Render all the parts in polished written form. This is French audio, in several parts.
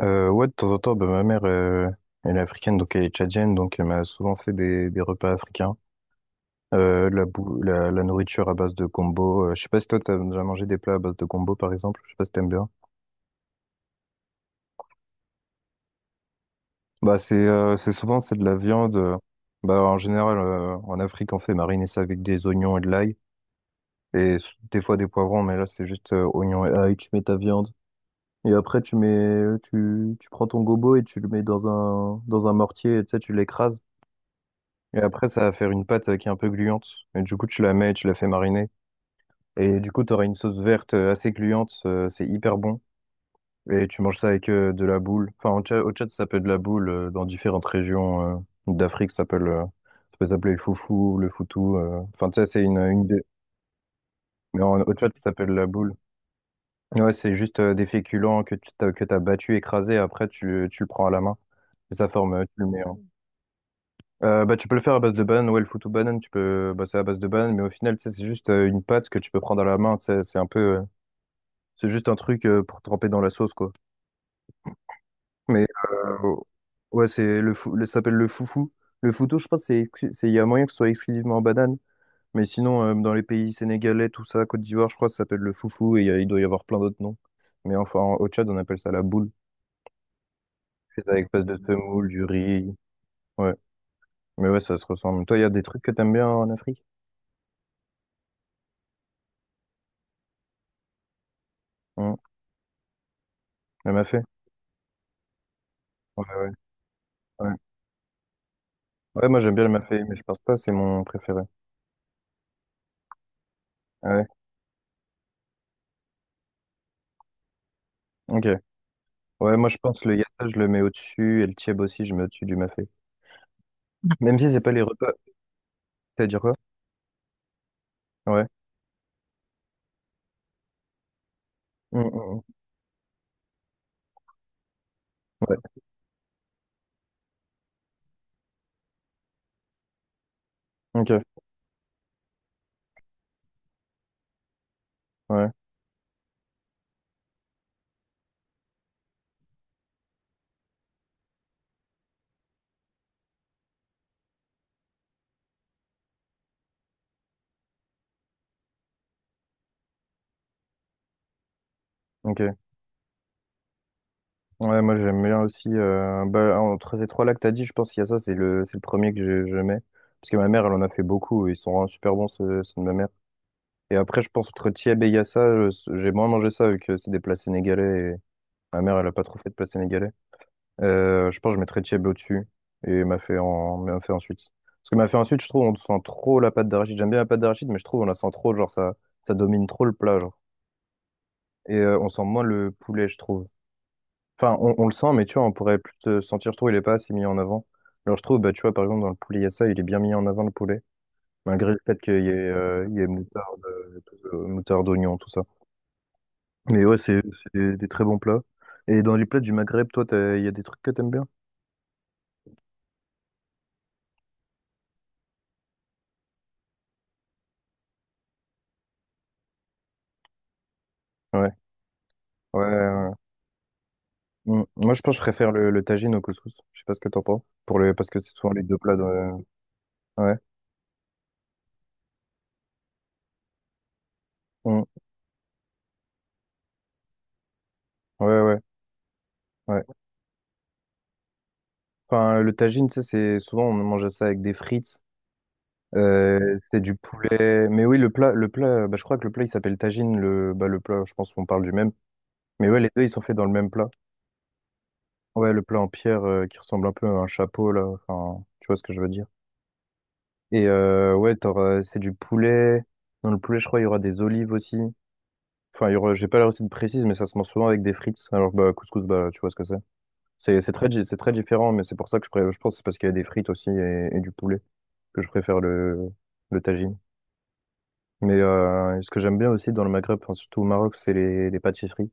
Ouais, de temps en temps, ma mère, elle est africaine, donc elle est tchadienne, donc elle m'a souvent fait des repas africains. La nourriture à base de gombo. Je sais pas si toi, t'as déjà mangé des plats à base de gombo, par exemple. Je sais pas si t'aimes bien. Bah, c'est souvent, c'est de la viande. Bah, en général, en Afrique, on fait mariner ça avec des oignons et de l'ail. Et des fois, des poivrons, mais là, c'est juste oignons et ail. Tu mets ta viande. Et après, tu prends ton gombo et tu le mets dans dans un mortier. Et, tu sais, tu l'écrases. Et après, ça va faire une pâte qui est un peu gluante. Et du coup, tu la mets et tu la fais mariner. Et du coup, tu auras une sauce verte assez gluante. C'est hyper bon. Et tu manges ça avec de la boule. Enfin, au Tchad, ça s'appelle de la boule. Dans différentes régions d'Afrique, ça peut s'appeler le foufou, le foutou. Enfin, tu sais, c'est une Mais en, au Tchad, ça s'appelle la boule. Ouais, c'est juste des féculents que t'as battu, écrasé. Après, tu le prends à la main. Et ça forme, tu le mets. Bah, tu peux le faire à base de banane, ouais, le foot ou banane, tu peux, bah, c'est à base de banane, mais au final, tu sais, c'est juste une pâte que tu peux prendre à la main, tu sais, c'est un peu, c'est juste un truc pour tremper dans la sauce, quoi. Mais, euh, ouais, c'est ça s'appelle le foufou. Le foutou, je pense, c'est, il y a moyen que ce soit exclusivement en banane, mais sinon, dans les pays sénégalais, tout ça, Côte d'Ivoire, je crois, ça s'appelle le foufou, et il doit y avoir plein d'autres noms. Mais enfin, au Tchad, on appelle ça la boule. C'est avec base de semoule, du riz, ouais. Mais ouais, ça se ressemble. Toi, il y a des trucs que t'aimes bien en Afrique? Hum, elle m'a fait. Ouais, ouais. Ouais. Ouais, moi j'aime bien le mafé, mais je pense pas, c'est mon préféré. Ah ouais, ok. Ouais, moi je pense le yatta, je le mets au-dessus, et le tieb aussi, je mets au-dessus du mafé. Même si c'est pas les repas. C'est à dire quoi? Ouais. Mm, mm, mm. Ouais, ok. Ouais, ok. Ouais, moi j'aime bien aussi. Bah, entre ces trois-là que t'as dit, je pense qu'il y a ça, c'est c'est le premier que je mets. Parce que ma mère, elle en a fait beaucoup, et ils sont vraiment super bons, ceux de ma mère. Et après, je pense entre tieb et yassa, j'ai moins mangé ça, vu que c'est des plats sénégalais, et ma mère, elle a pas trop fait de plats sénégalais. Je pense que je mettrais Thiebe au-dessus et Mafé en Mafé ensuite. Parce que Mafé ensuite, je trouve on sent trop la pâte d'arachide. J'aime bien la pâte d'arachide, mais je trouve on la sent trop, genre ça, ça domine trop le plat, genre. Et on sent moins le poulet, je trouve. Enfin, on le sent, mais tu vois, on pourrait plus te sentir, je trouve, il est pas assez mis en avant. Alors je trouve, bah, tu vois, par exemple, dans le poulet Yassa, il est bien mis en avant le poulet, malgré le fait qu'il y ait, il y ait moutarde, moutarde, oignon, tout ça. Mais ouais, c'est des très bons plats. Et dans les plats du Maghreb, toi, il y a des trucs que t'aimes bien? Ouais. Ouais, ouais. Mm. Moi, je pense que je préfère le tagine au couscous. Je sais pas ce que t'en penses. Pour le, parce que c'est souvent les deux plats. Ouais. Mm. Ouais, ouais, ouais. Enfin, le tagine, tu sais, c'est souvent on mange ça avec des frites. C'est du poulet. Mais oui, le plat, bah, je crois que le plat il s'appelle tagine. Le plat, je pense qu'on parle du même. Mais ouais, les deux ils sont faits dans le même plat. Ouais, le plat en pierre qui ressemble un peu à un chapeau là. Enfin, tu vois ce que je veux dire. Et ouais, c'est du poulet. Dans le poulet, je crois il y aura des olives aussi. Enfin, il y aura, j'ai pas la recette précise, mais ça se mange souvent avec des frites. Alors bah, couscous, bah, tu vois ce que c'est. C'est très, c'est très différent, mais c'est pour ça que je pense que c'est parce qu'il y a des frites aussi et du poulet que je préfère le tagine. Mais ce que j'aime bien aussi dans le Maghreb, enfin, surtout au Maroc, c'est les pâtisseries.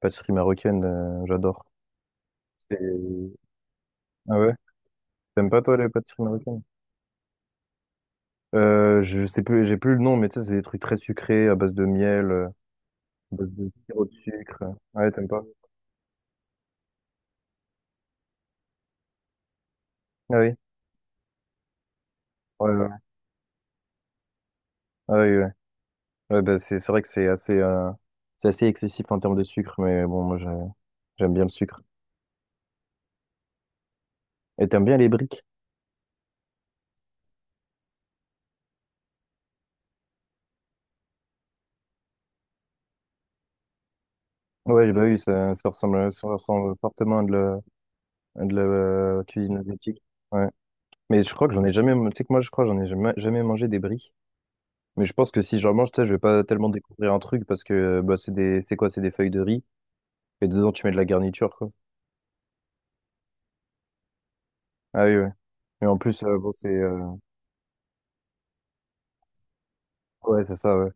Pâtisseries marocaines, j'adore. C'est- Ah ouais? T'aimes pas toi les pâtisseries marocaines? Je sais plus, j'ai plus le nom, mais tu sais, c'est des trucs très sucrés à base de miel, à base de sirop de sucre. Ah ouais, t'aimes pas? Ah oui? Ouais, ouais. Ah oui, ouais. Ouais, bah, c'est vrai que c'est assez excessif en termes de sucre, mais bon, j'aime bien le sucre. Et t'aimes bien les briques? Ouais, bah oui, ça, ça ressemble fortement à à de la cuisine asiatique. Ouais. Mais je crois que j'en ai jamais. Tu sais que moi, je crois que j'en ai jamais, jamais mangé des bris. Mais je pense que si j'en mange, tu sais, je vais pas tellement découvrir un truc parce que bah, c'est quoi? C'est des feuilles de riz et dedans tu mets de la garniture, quoi. Ah oui, ouais. Et en plus, bon, c'est. Ouais, c'est ça, ouais.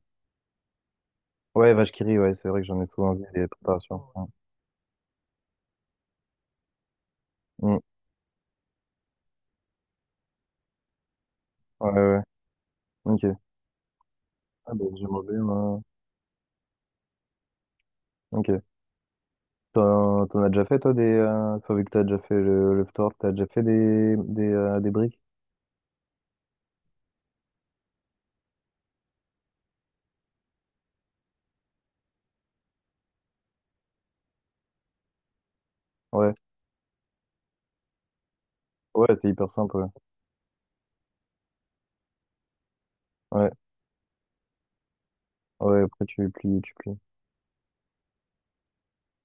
Ouais, vache qui rit, ouais, c'est vrai que j'en ai souvent vu des préparations. Ouais, Mm. Ouais, ouais. Ouais. Ok. Ah, bah, j'ai mangé, moi. Ok. T'en as déjà fait, toi, des. Enfin, vu que t'as déjà fait le tu t'as déjà fait des briques? Ouais. Ouais, c'est hyper simple, ouais. Ouais, ouais, après tu plies.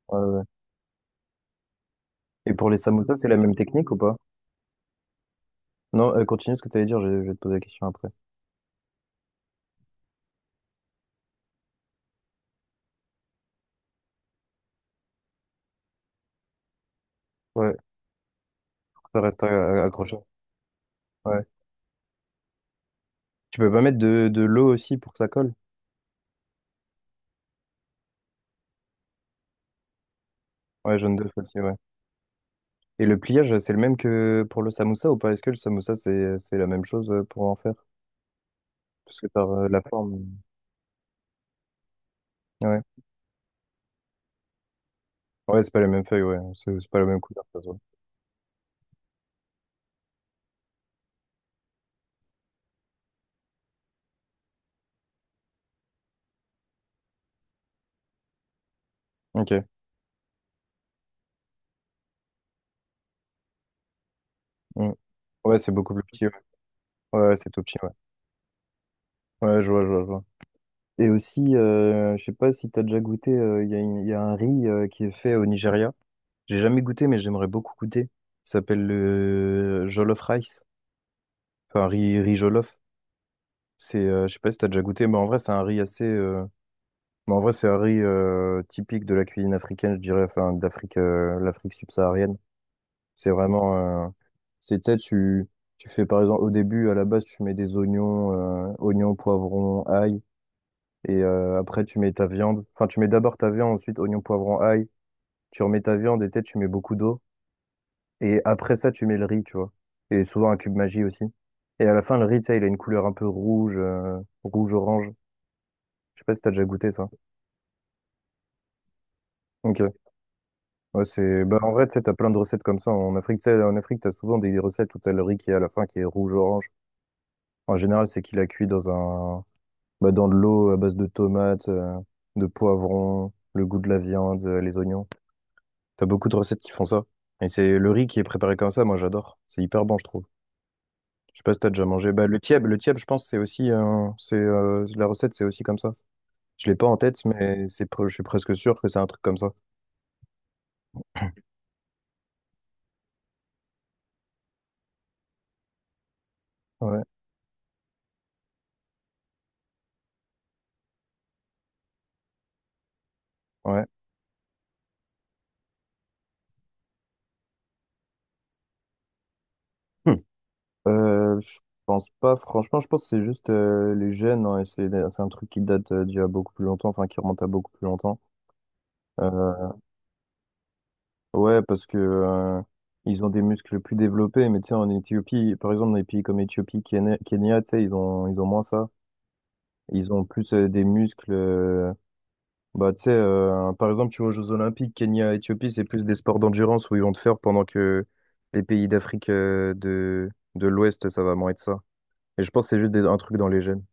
Ouais, ouais. Et pour les samosas, c'est la même technique ou pas? Non, continue ce que tu allais dire, je vais te poser la question après. Ouais, ça reste accroché. Ouais. Tu peux pas mettre de l'eau aussi pour que ça colle? Ouais, jaune d'œuf aussi, ouais. Et le pliage, c'est le même que pour le samoussa ou pas? Est-ce que le samoussa, c'est la même chose pour en faire? Parce que par la forme. Ouais, ouais, c'est pas les mêmes feuilles, ouais. C'est pas la même couleur, ça se voit. Ok. Mm. Ouais, c'est beaucoup plus petit, ouais. Ouais, c'est tout petit, ouais. Ouais, je vois, je vois, je vois. Et aussi, je sais pas si t'as déjà goûté, il y a il y a un riz qui est fait au Nigeria. J'ai jamais goûté, mais j'aimerais beaucoup goûter. Ça s'appelle le jollof rice. Enfin, riz jollof. Je sais pas si t'as déjà goûté, mais en vrai, c'est un riz assez. Mais en vrai, c'est un riz typique de la cuisine africaine, je dirais, enfin, d'Afrique, l'Afrique subsaharienne. C'est vraiment. C'est, tu sais, tu fais par exemple, au début, à la base, tu mets des oignons, oignons, poivrons, ail. Et après, tu mets ta viande. Enfin, tu mets d'abord ta viande, ensuite oignons, poivrons, ail. Tu remets ta viande et tu sais, tu mets beaucoup d'eau. Et après ça, tu mets le riz, tu vois. Et souvent un cube magie aussi. Et à la fin, le riz, tu sais, il a une couleur un peu rouge, rouge-orange. Je sais pas si t'as déjà goûté ça. Ok. Ouais, c'est... Bah, en vrai, tu sais, t'as plein de recettes comme ça. En Afrique, tu sais, en Afrique, t'as souvent des recettes où t'as le riz qui est à la fin, qui est rouge-orange. En général, c'est qu'il a cuit dans un... bah, dans de l'eau à base de tomates, de poivrons, le goût de la viande, les oignons. T'as beaucoup de recettes qui font ça. Et c'est le riz qui est préparé comme ça, moi j'adore. C'est hyper bon, je trouve. Je sais pas si t'as déjà mangé. Bah, le tieb, je pense, c'est aussi, c'est la recette, c'est aussi comme ça. Je l'ai pas en tête, mais je suis presque sûr que c'est un truc comme ça. Ouais, ouais. Hmm. Je pense pas, franchement, je pense que c'est juste les gènes, hein, et c'est un truc qui date d'il y a beaucoup plus longtemps, enfin qui remonte à beaucoup plus longtemps. Euh, ouais, parce que ils ont des muscles plus développés, mais tu sais, en Éthiopie, par exemple, dans des pays comme Éthiopie, Kenya, tu sais, ils ont moins ça. Ils ont plus des muscles. Bah, tu sais, par exemple, tu vois aux Jeux Olympiques, Kenya, Éthiopie, c'est plus des sports d'endurance où ils vont te faire pendant que les pays d'Afrique de l'Ouest, ça va moins être ça. Et je pense que c'est juste un truc dans les gènes.